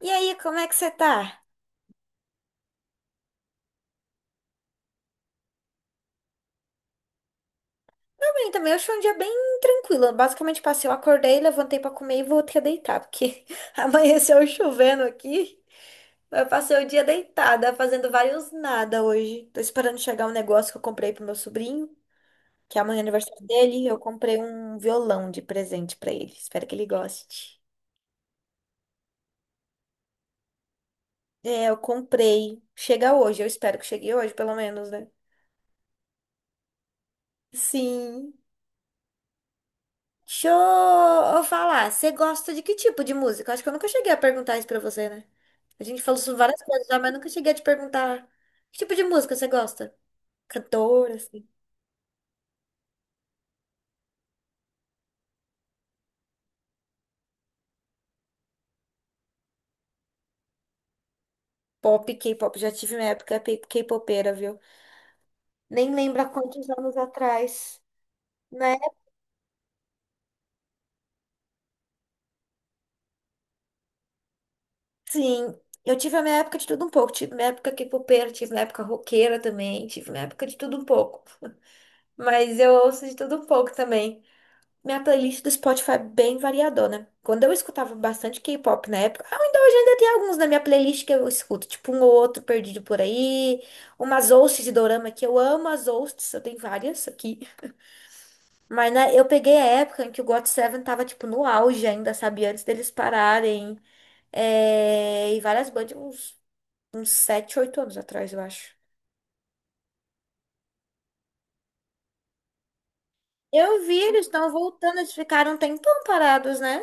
E aí, como é que você tá? Tô bem também, hoje foi um dia bem tranquilo. Eu basicamente eu acordei, levantei pra comer e voltei a deitar, porque amanheceu chovendo aqui. Eu passei o dia deitada, fazendo vários nada hoje. Tô esperando chegar um negócio que eu comprei pro meu sobrinho, que é amanhã é aniversário dele. Eu comprei um violão de presente pra ele. Espero que ele goste. É, eu comprei. Chega hoje, eu espero que chegue hoje, pelo menos, né? Sim. Deixa eu falar, você gosta de que tipo de música? Acho que eu nunca cheguei a perguntar isso pra você, né? A gente falou sobre várias coisas já, mas nunca cheguei a te perguntar que tipo de música você gosta? Cantora, assim, pop, K-pop. Já tive minha época K-popeira, viu? Nem lembro há quantos anos atrás, né? Sim, eu tive a minha época de tudo um pouco. Tive minha época K-popeira, tive minha época roqueira também, tive minha época de tudo um pouco. Mas eu ouço de tudo um pouco também. Minha playlist do Spotify é bem variadona. Quando eu escutava bastante K-pop na época, ainda hoje ainda tem alguns na minha playlist que eu escuto, tipo um ou outro perdido por aí, umas ousts de dorama que eu amo as ousts, eu tenho várias aqui. Mas né, eu peguei a época em que o GOT7 tava tipo no auge ainda, sabe? Antes deles pararem. É, e várias bandas, tipo, uns 7, 8 anos atrás, eu acho. Eu vi, eles estão voltando, eles ficaram um tempão parados, né?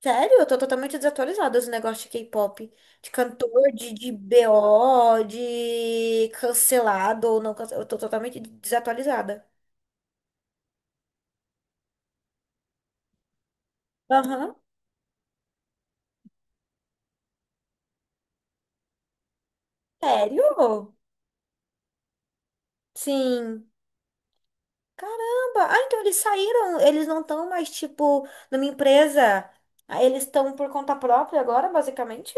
Sério, eu tô totalmente desatualizada dos negócios de K-pop. De cantor, de BO, de cancelado ou não cancelado. Eu tô totalmente desatualizada. Aham. Sério? Sim. Caramba. Ah, então eles saíram. Eles não estão mais, tipo, numa empresa. Ah, eles estão por conta própria agora, basicamente?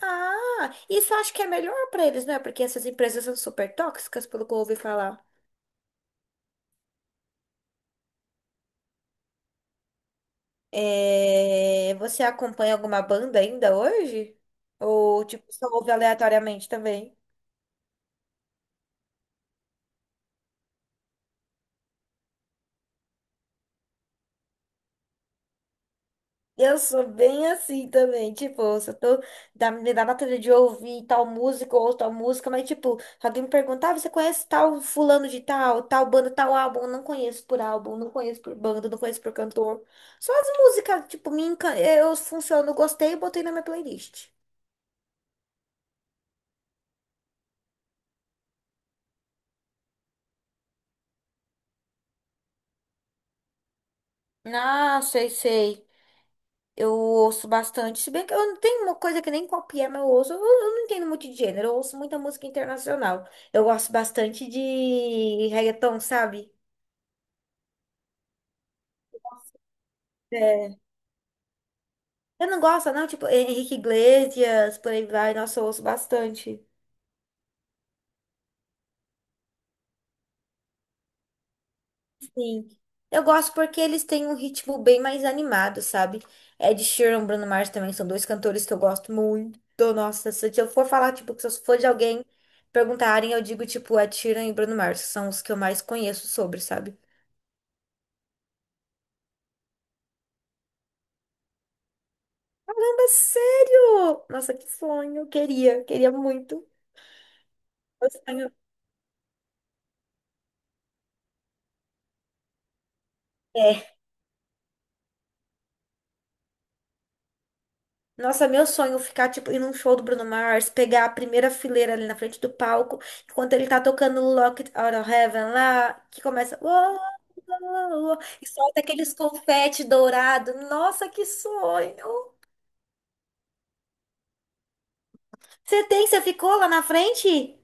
Ah, isso eu acho que é melhor pra eles, né? Porque essas empresas são super tóxicas, pelo que eu ouvi falar. É, você acompanha alguma banda ainda hoje? Ou, tipo, só ouve aleatoriamente também? Eu sou bem assim também, tipo, se eu tô me dá vontade de ouvir tal música ou tal música, mas tipo, se alguém me perguntar, "Ah, você conhece tal fulano de tal, tal banda, tal álbum? Eu não conheço por álbum, não conheço por banda, não conheço por cantor. Só as músicas, tipo, eu funciono, gostei e botei na minha playlist. Ah, sei, sei. Eu ouço bastante, se bem que eu não tenho uma coisa que nem copiar, mas eu ouço, eu não entendo muito de gênero, eu ouço muita música internacional. Eu gosto bastante de reggaeton, sabe? É. Eu não gosto, não, tipo, Henrique Iglesias, por aí vai, nossa, eu ouço bastante. Sim. Eu gosto porque eles têm um ritmo bem mais animado, sabe? Ed Sheeran, Bruno Mars também são dois cantores que eu gosto muito. Nossa, se eu for falar, tipo, se eu for de alguém perguntarem, eu digo, tipo, Ed Sheeran e Bruno Mars, são os que eu mais conheço sobre, sabe? Mas sério? Nossa, que sonho. Eu queria, queria muito. Meu sonho é. Nossa, meu sonho ficar, tipo, ir num show do Bruno Mars, pegar a primeira fileira ali na frente do palco, enquanto ele tá tocando Locked Out of Heaven lá, que começa. "Uou, uou, uou", e solta aqueles confete dourado. Nossa, que sonho! Você tem? Você ficou lá na frente?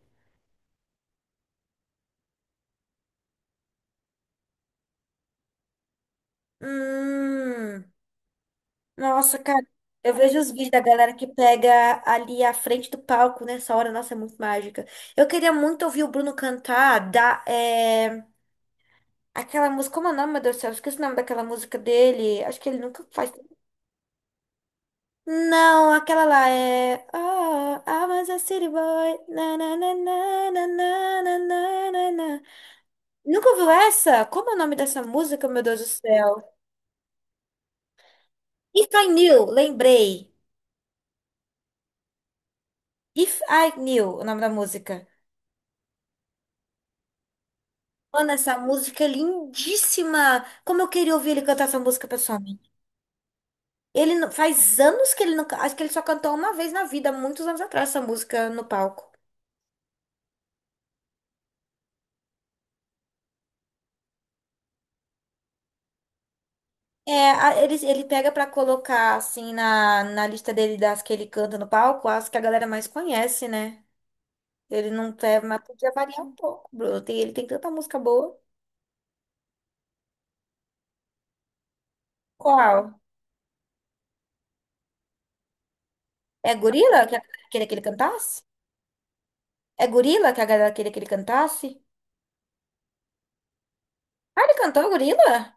Hum. Nossa, cara, eu vejo os vídeos da galera que pega ali à frente do palco nessa hora, nossa, é muito mágica. Eu queria muito ouvir o Bruno cantar aquela música, como é o nome, meu Deus do céu? Eu esqueci o nome daquela música dele. Acho que ele nunca faz. Não, aquela lá é. Oh, I was a city boy. Na, na, na, na, na, na, na, na, na, na. Nunca ouviu essa? Como é o nome dessa música, meu Deus do céu? If I Knew, lembrei. If I Knew, o nome da música. Mano, essa música é lindíssima. Como eu queria ouvir ele cantar essa música pessoalmente. Ele não- faz anos que ele não, acho que ele só cantou uma vez na vida, muitos anos atrás, essa música no palco. É, ele pega pra colocar assim na lista dele das que ele canta no palco, as que a galera mais conhece, né? Ele não tem, mas podia variar um pouco, Bruno. Ele tem tanta música boa. Qual? É Gorila que a galera queria que ele cantasse? É Gorila que a galera queria que ele cantasse? Ah, ele cantou Gorila?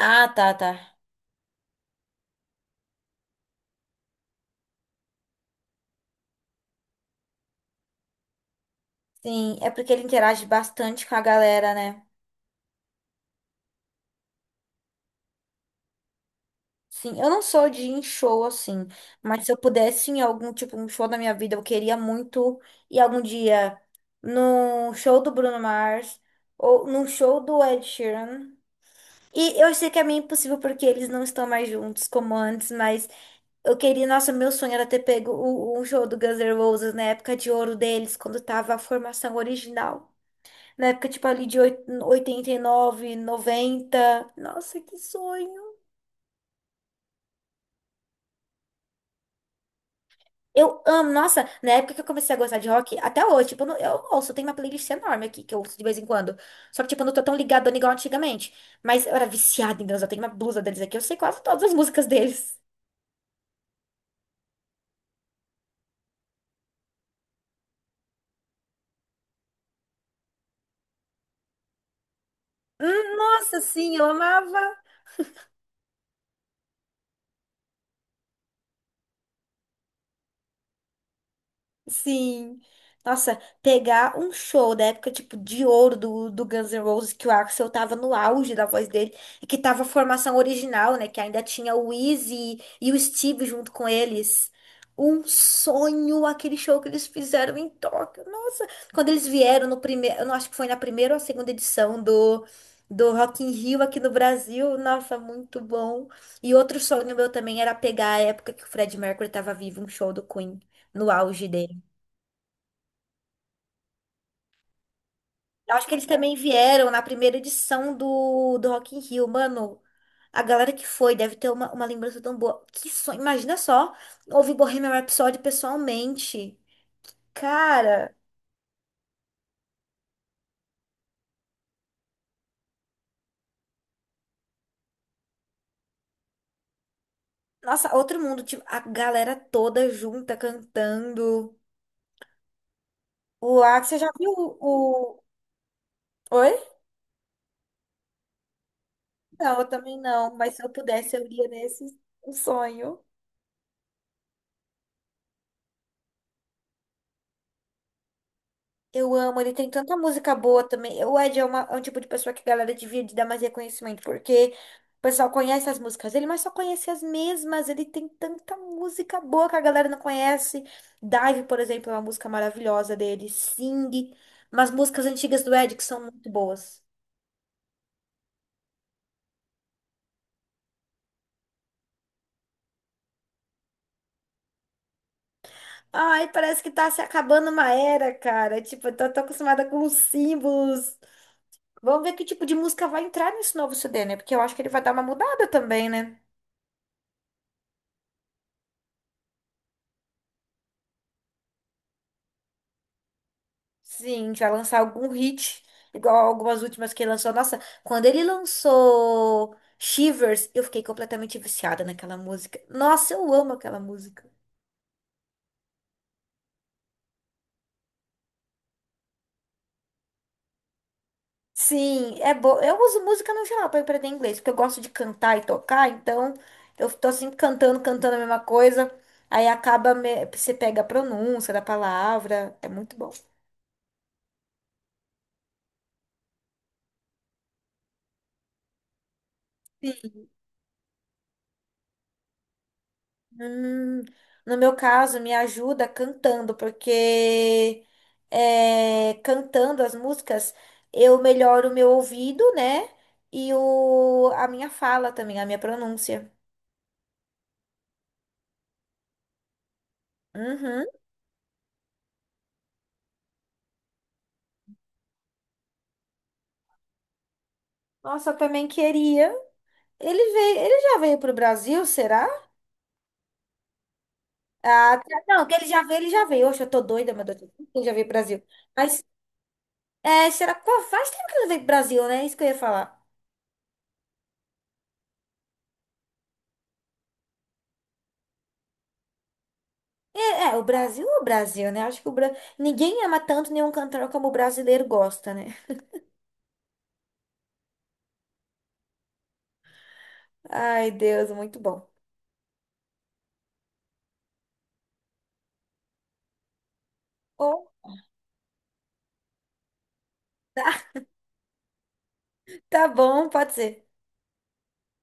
Ah, tá, tá. Sim, é porque ele interage bastante com a galera, né? Sim, eu não sou de ir em show assim, mas se eu pudesse ir em algum tipo um show da minha vida, eu queria muito ir algum dia no show do Bruno Mars ou no show do Ed Sheeran. E eu sei que é meio impossível porque eles não estão mais juntos como antes, mas eu queria, nossa, meu sonho era ter pego o show do Guns N' Roses na época de ouro deles, quando tava a formação original. Na época, tipo, ali de 89, 90, nossa, que sonho. Eu amo. Nossa, na época que eu comecei a gostar de rock, até hoje, tipo, eu, não- eu ouço, tem uma playlist enorme aqui que eu ouço de vez em quando. Só que, tipo, eu não tô tão ligadona igual antigamente. Mas eu era viciada em Deus, eu tenho uma blusa deles aqui, eu sei quase todas as músicas deles. Nossa, sim, eu amava. Sim. Nossa, pegar um show da época, tipo, de ouro do Guns N' Roses, que o Axl tava no auge da voz dele, e que tava a formação original, né? Que ainda tinha o Izzy e o Steve junto com eles. Um sonho aquele show que eles fizeram em Tóquio. Nossa, quando eles vieram no primeiro, eu não acho que foi na primeira ou a segunda edição do Rock in Rio aqui no Brasil. Nossa, muito bom. E outro sonho meu também era pegar a época que o Fred Mercury tava vivo, um show do Queen no auge dele. Eu acho que eles também vieram na primeira edição do Rock in Rio, mano. A galera que foi deve ter uma lembrança tão boa. Que sonho, imagina só, ouvir Bohemian Rhapsody pessoalmente. Cara, nossa, outro mundo, tipo, a galera toda junta cantando. O Axel, já viu o- Oi? Não, eu também não, mas se eu pudesse, eu iria nesse um sonho. Eu amo, ele tem tanta música boa também. O Ed é, é um tipo de pessoa que a galera devia de dar mais reconhecimento, porque o pessoal conhece as músicas dele, mas só conhece as mesmas. Ele tem tanta música boa que a galera não conhece. Dive, por exemplo, é uma música maravilhosa dele. Sing, umas músicas antigas do Ed que são muito boas. Ai, parece que tá se acabando uma era, cara. Tipo, eu tô acostumada com os símbolos. Vamos ver que tipo de música vai entrar nesse novo CD, né? Porque eu acho que ele vai dar uma mudada também, né? Sim, vai lançar algum hit, igual algumas últimas que ele lançou. Nossa, quando ele lançou Shivers, eu fiquei completamente viciada naquela música. Nossa, eu amo aquela música. Sim, é bom. Eu uso música no geral para aprender inglês, porque eu gosto de cantar e tocar, então eu tô sempre cantando, cantando a mesma coisa. Aí acaba, você pega a pronúncia da palavra, é muito bom. Hum, no meu caso, me ajuda cantando, porque é, cantando as músicas, eu melhoro o meu ouvido, né? E a minha fala também, a minha pronúncia. Uhum. Nossa, eu também queria. Ele veio, ele já veio pro Brasil, será? Ah, tá- não, que ele já veio, ele já veio. Oxe, eu tô doida, meu Deus. Ele já veio pro Brasil. Mas, é, será? Pô, faz tempo que ele não veio pro Brasil, né? É isso que eu ia falar. É, é o Brasil, né? Acho que o Bra... ninguém ama tanto nenhum cantor como o brasileiro gosta, né? Ai, Deus, muito bom. Ou tá, tá bom, pode ser.